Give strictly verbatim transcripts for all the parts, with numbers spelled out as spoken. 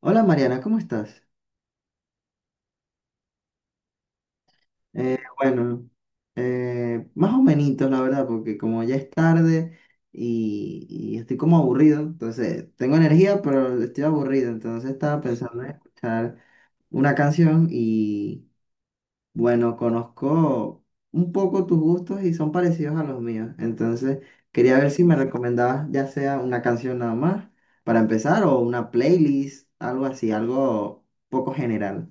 Hola Mariana, ¿cómo estás? Eh, bueno, eh, más o menos, la verdad, porque como ya es tarde y, y estoy como aburrido, entonces tengo energía, pero estoy aburrido, entonces estaba pensando en escuchar una canción y bueno, conozco un poco tus gustos y son parecidos a los míos, entonces quería ver si me recomendabas ya sea una canción nada más para empezar o una playlist, algo así, algo poco general.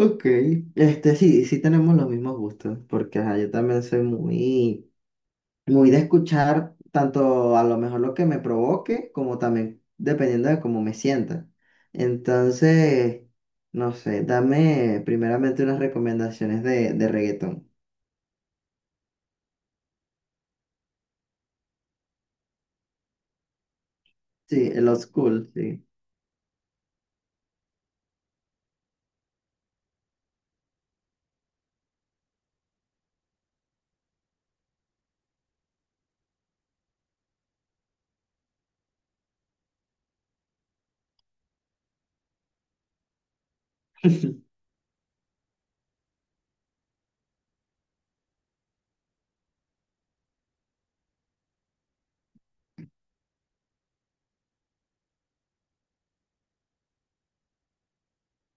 Ok, este sí, sí tenemos los mismos gustos, porque ajá, yo también soy muy, muy de escuchar tanto a lo mejor lo que me provoque, como también dependiendo de cómo me sienta. Entonces, no sé, dame primeramente unas recomendaciones de, de reggaetón. Sí, el old school, sí.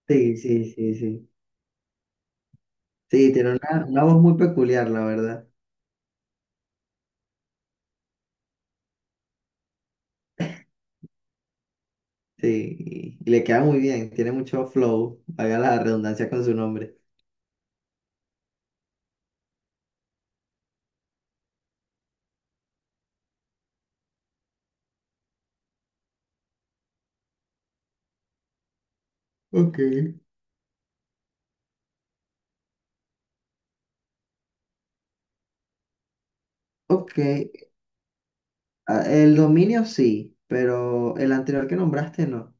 Sí, sí, sí, sí. Sí, tiene una, una voz muy peculiar, la verdad. Sí, y le queda muy bien, tiene mucho flow, haga la redundancia con su nombre. Ok. Ok, ah, El dominio sí, pero el anterior que nombraste no.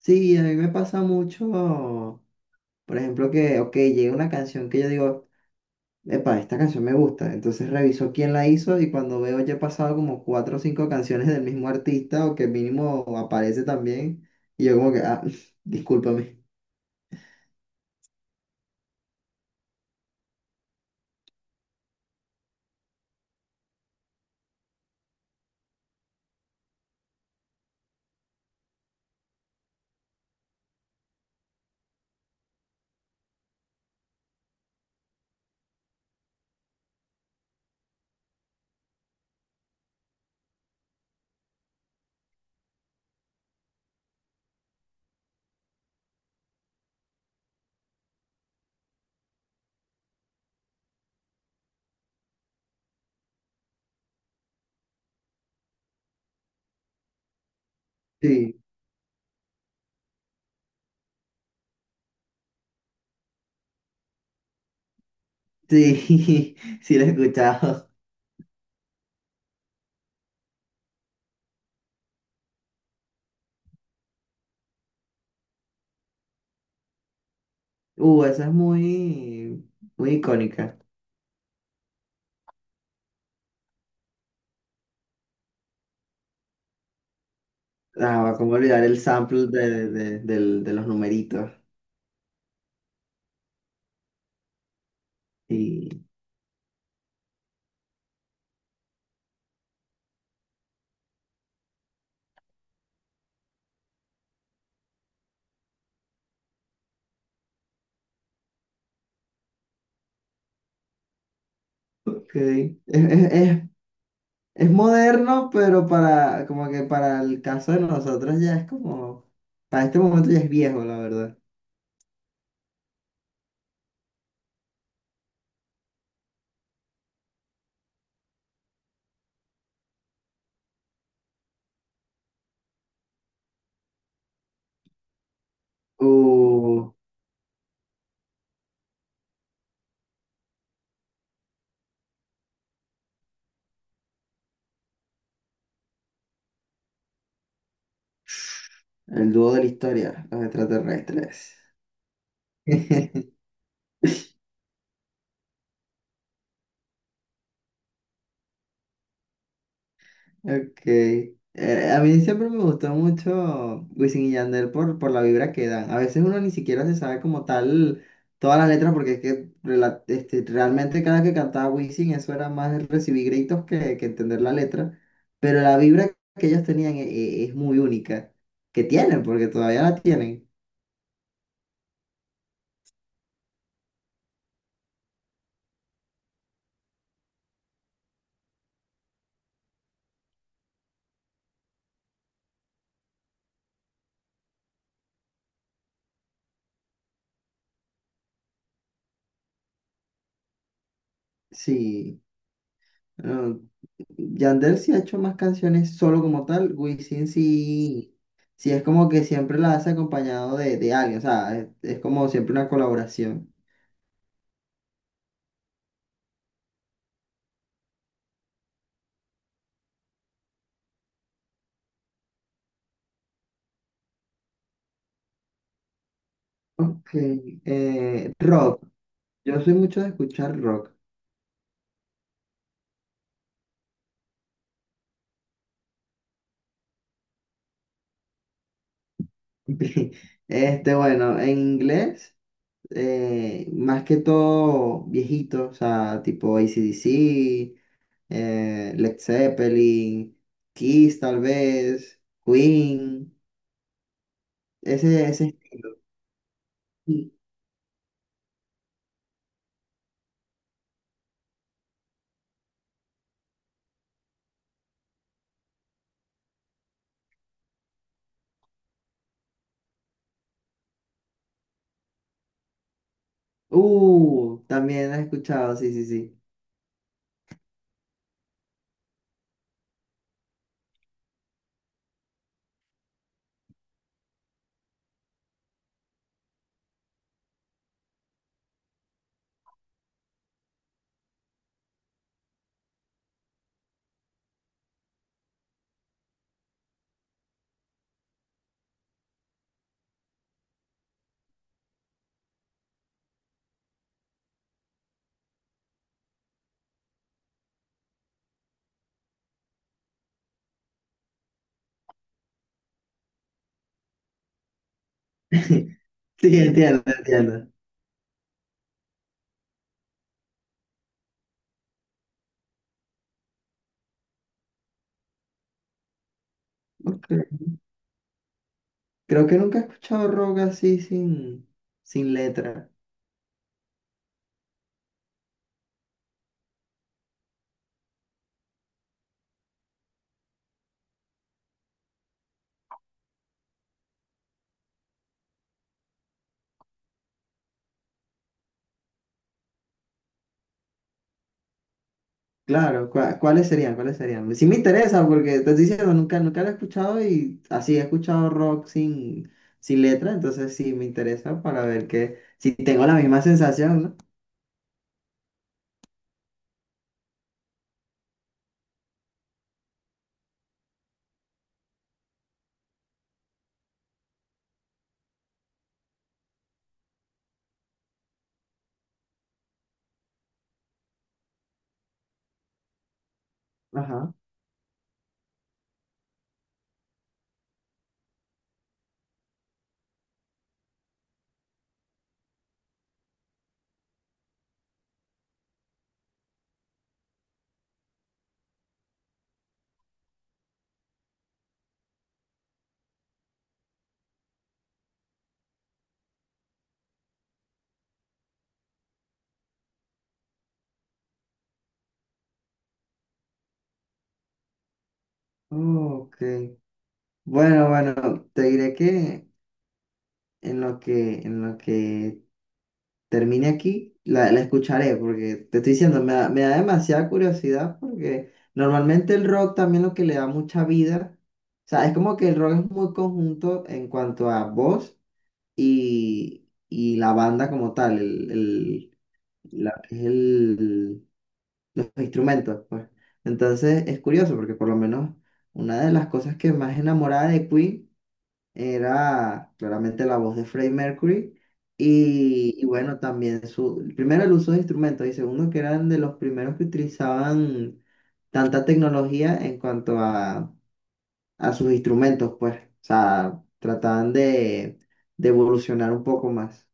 Sí, a mí me pasa mucho, por ejemplo, que, ok, llega una canción que yo digo, epa, esta canción me gusta, entonces reviso quién la hizo y cuando veo ya he pasado como cuatro o cinco canciones del mismo artista o que mínimo aparece también, y yo como que, ah, discúlpame. Sí, sí, sí la he escuchado. Uh, esa es muy, muy icónica. Ah, cómo olvidar el sample de, de, del- de los numeritos. Ok. Es, es- es- es moderno, pero para, como que para el caso de nosotros ya es como, para este momento ya es viejo, la verdad. Uh, el dúo de la historia, los extraterrestres. Ok. Eh, a mí siempre me gustó mucho Wisin y Yandel por, por la vibra que dan. A veces uno ni siquiera se sabe como tal todas las letras porque es que rela- este, realmente cada que cantaba Wisin eso era más recibir gritos que, que entender la letra. Pero la vibra que ellos tenían e- e- es muy única. Que tienen, porque todavía la tienen. Sí. Ah, Yandel sí ha hecho más canciones solo como tal, Wisin sí, sí es como que siempre la hace acompañado de, de alguien, o sea, es, es como siempre una colaboración. Ok, eh, rock, yo soy mucho de escuchar rock. Este, bueno, en inglés, eh, más que todo viejito, o sea, tipo A C/D C, eh, Led Zeppelin, Kiss tal vez, Queen, ese, ese estilo. Uh, también has escuchado, sí, sí, sí. Sí, entiendo, entiendo. Ok. Creo que nunca he escuchado rock así sin, sin letra. Claro, ¿cuá- ¿cuáles serían? ¿Cuáles serían? Sí me interesa porque te estoy diciendo, nunca, nunca lo he escuchado y así he escuchado rock sin, sin letra, entonces sí me interesa para ver que si tengo la misma sensación, ¿no? Ajá. Ok. Bueno, bueno, te diré que en lo que, en lo que termine aquí, la, la escucharé, porque te estoy diciendo, me da, me da demasiada curiosidad, porque normalmente el rock también lo que le da mucha vida, o sea, es como que el rock es muy conjunto en cuanto a voz y, y la banda como tal, el, el, la- es el- los instrumentos, pues. Entonces es curioso, porque por lo menos una de las cosas que más enamorada de Queen era claramente la voz de Freddie Mercury. Y, y bueno, también su, primero el uso de instrumentos y segundo que eran de los primeros que utilizaban tanta tecnología en cuanto a, a sus instrumentos, pues, o sea, trataban de, de evolucionar un poco más.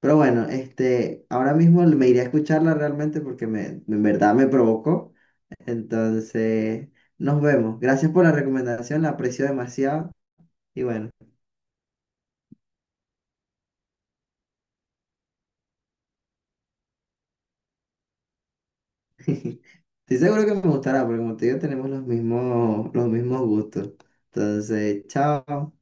Pero bueno, este, ahora mismo me iré a escucharla realmente porque me, en verdad me provocó. Entonces, nos vemos. Gracias por la recomendación, la aprecio demasiado y bueno. Estoy seguro que me gustará, porque como te digo, tenemos los mismos, los mismos gustos. Entonces, chao.